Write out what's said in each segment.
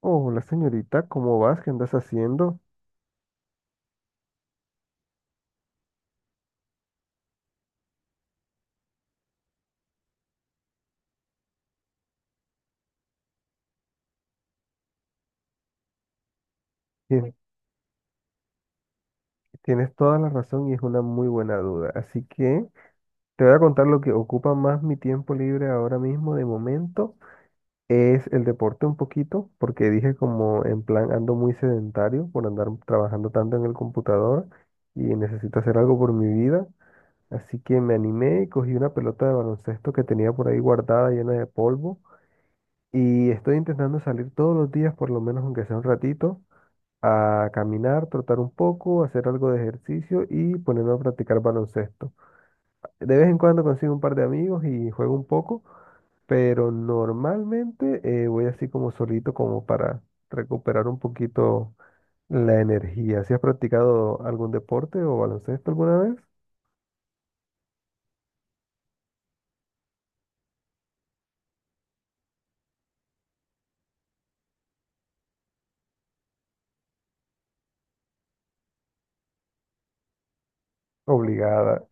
Hola señorita, ¿cómo vas? ¿Qué andas haciendo? Tien- Tienes toda la razón y es una muy buena duda. Así que te voy a contar lo que ocupa más mi tiempo libre ahora mismo de momento. Es el deporte un poquito, porque dije como en plan ando muy sedentario por andar trabajando tanto en el computador y necesito hacer algo por mi vida. Así que me animé y cogí una pelota de baloncesto que tenía por ahí guardada llena de polvo y estoy intentando salir todos los días por lo menos aunque sea un ratito. A caminar, trotar un poco, hacer algo de ejercicio y ponerme a practicar baloncesto. De vez en cuando consigo un par de amigos y juego un poco, pero normalmente voy así como solito como para recuperar un poquito la energía. ¿Si has practicado algún deporte o baloncesto alguna vez? Obligada.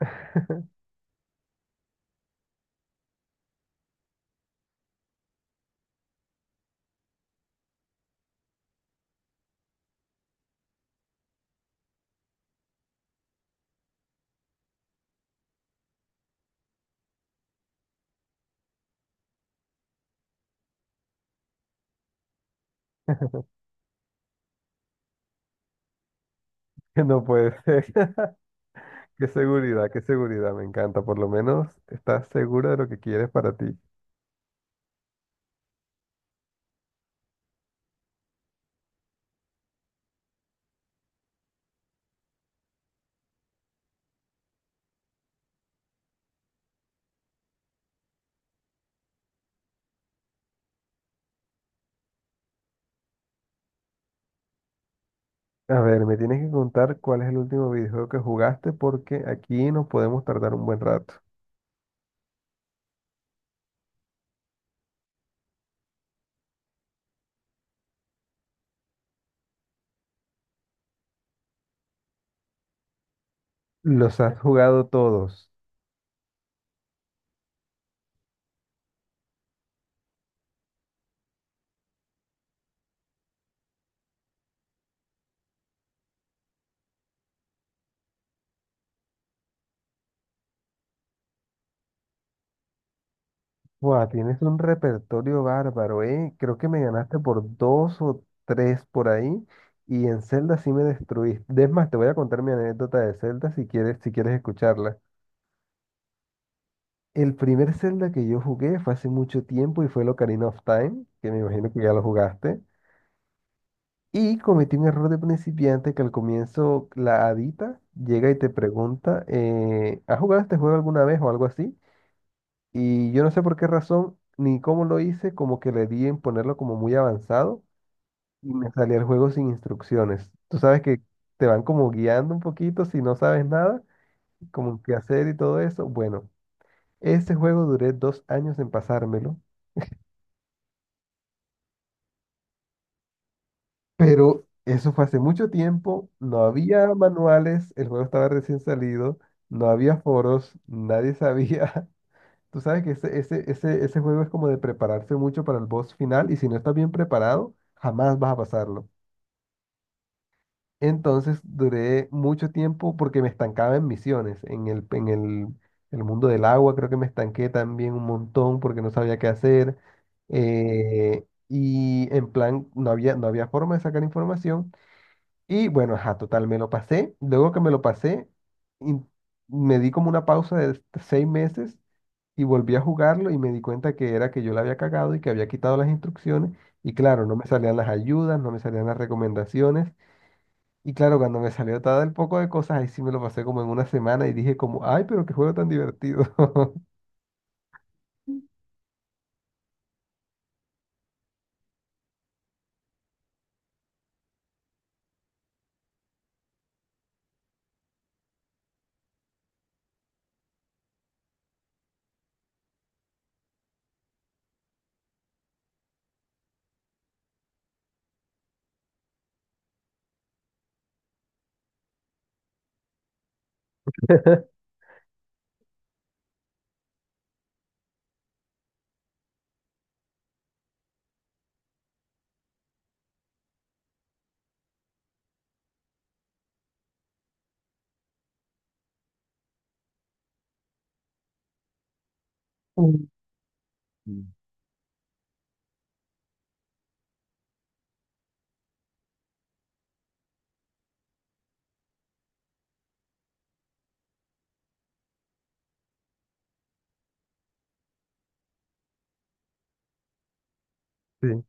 No puede ser. Qué seguridad, me encanta. Por lo menos estás segura de lo que quieres para ti. A ver, me tienes que contar cuál es el último videojuego que jugaste porque aquí nos podemos tardar un buen rato. Los has jugado todos. Buah, tienes un repertorio bárbaro, ¿eh? Creo que me ganaste por dos o tres por ahí y en Zelda sí me destruiste. Es más, te voy a contar mi anécdota de Zelda si quieres, si quieres escucharla. El primer Zelda que yo jugué fue hace mucho tiempo y fue el Ocarina of Time, que me imagino que ya lo jugaste. Y cometí un error de principiante que al comienzo la adita llega y te pregunta, ¿has jugado este juego alguna vez o algo así? Y yo no sé por qué razón ni cómo lo hice, como que le di en ponerlo como muy avanzado y me salía el juego sin instrucciones. Tú sabes que te van como guiando un poquito si no sabes nada, como qué hacer y todo eso. Bueno, ese juego duré 2 años en pasármelo. Pero eso fue hace mucho tiempo, no había manuales, el juego estaba recién salido, no había foros, nadie sabía. Tú sabes que ese juego es como de prepararse mucho para el boss final y si no estás bien preparado, jamás vas a pasarlo. Entonces duré mucho tiempo porque me estancaba en misiones, en el mundo del agua creo que me estanqué también un montón porque no sabía qué hacer. Y en plan, no había forma de sacar información. Y bueno, ajá, total, me lo pasé. Luego que me lo pasé, in- me di como una pausa de 6 meses y volví a jugarlo y me di cuenta que era que yo la había cagado y que había quitado las instrucciones. Y claro, no me salían las ayudas, no me salían las recomendaciones. Y claro, cuando me salió todo el poco de cosas, ahí sí me lo pasé como en una semana y dije como, ay, pero qué juego tan divertido. Mm. Sí.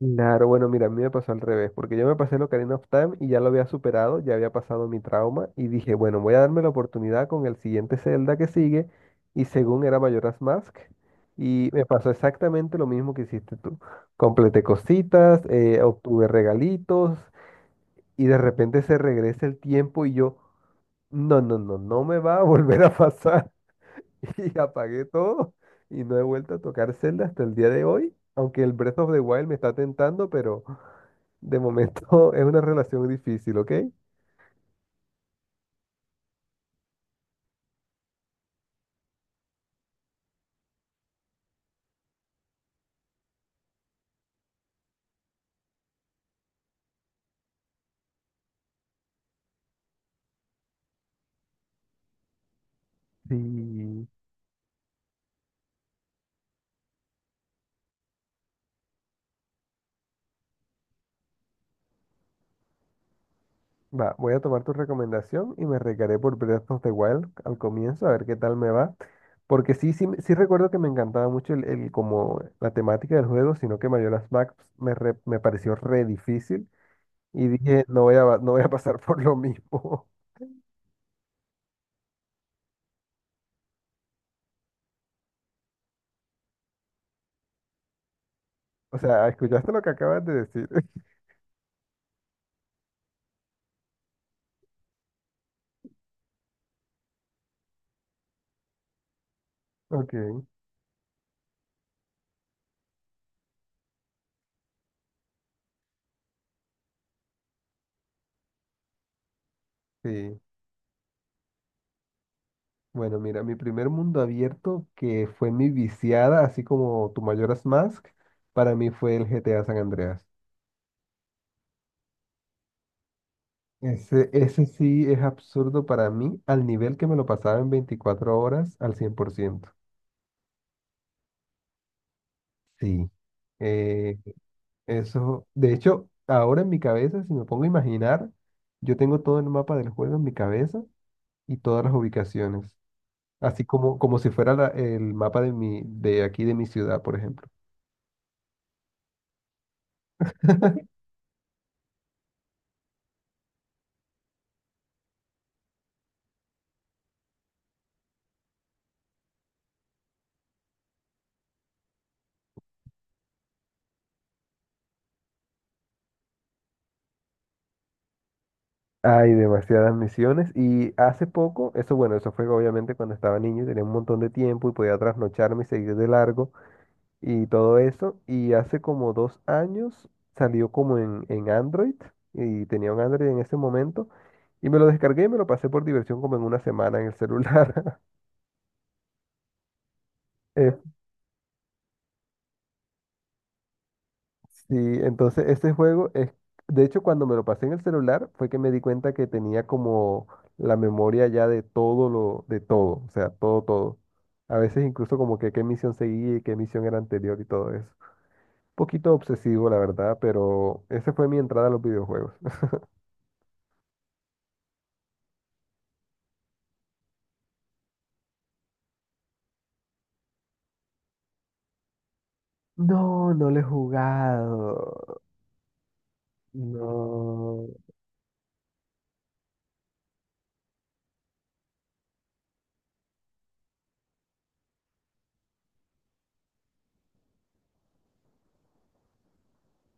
Claro, bueno, mira, a mí me pasó al revés, porque yo me pasé el Ocarina of Time y ya lo había superado, ya había pasado mi trauma y dije, bueno, voy a darme la oportunidad con el siguiente Zelda que sigue y según era Majora's Mask y me pasó exactamente lo mismo que hiciste tú. Completé cositas, obtuve regalitos y de repente se regresa el tiempo y yo, no, no, no, no me va a volver a pasar y apagué todo y no he vuelto a tocar Zelda hasta el día de hoy, aunque el Breath of the Wild me está tentando, pero... De momento es una relación difícil, ¿ok? Sí. Va, voy a tomar tu recomendación y me recaré por Breath of the Wild al comienzo, a ver qué tal me va. Porque sí, sí, sí recuerdo que me encantaba mucho como la temática del juego, sino que Majora's Mask me pareció re difícil y dije, no voy a pasar por lo mismo. O sea, ¿escuchaste lo que acabas de decir? Ok, sí. Bueno, mira, mi primer mundo abierto, que fue mi viciada, así como tu mayoras Mask, para mí fue el GTA San Andreas. Ese sí es absurdo para mí, al nivel que me lo pasaba en 24 horas al 100%. Sí. Eh, eso, de hecho, ahora en mi cabeza, si me pongo a imaginar, yo tengo todo el mapa del juego en mi cabeza y todas las ubicaciones, así como, como si fuera el mapa de mi, de aquí de mi ciudad, por ejemplo. Hay demasiadas misiones y hace poco, eso bueno, eso fue obviamente cuando estaba niño y tenía un montón de tiempo y podía trasnocharme y seguir de largo y todo eso. Y hace como 2 años salió como en Android y tenía un Android en ese momento y me lo descargué y me lo pasé por diversión como en una semana en el celular. Sí, entonces este juego es, de hecho cuando me lo pasé en el celular fue que me di cuenta que tenía como la memoria ya de todo lo, de todo, o sea, todo, todo. A veces incluso como que qué misión seguía y qué misión era anterior y todo eso. Poquito obsesivo, la verdad, pero esa fue mi entrada a los videojuegos. No, no lo he jugado. No.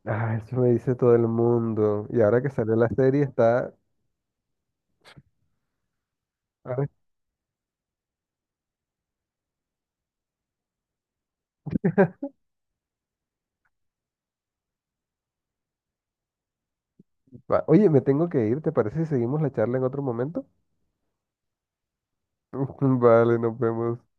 Ah, eso me dice todo el mundo. Y ahora que salió la serie está... Ahora- Oye, me tengo que ir, ¿te parece si seguimos la charla en otro momento? Vale, nos vemos.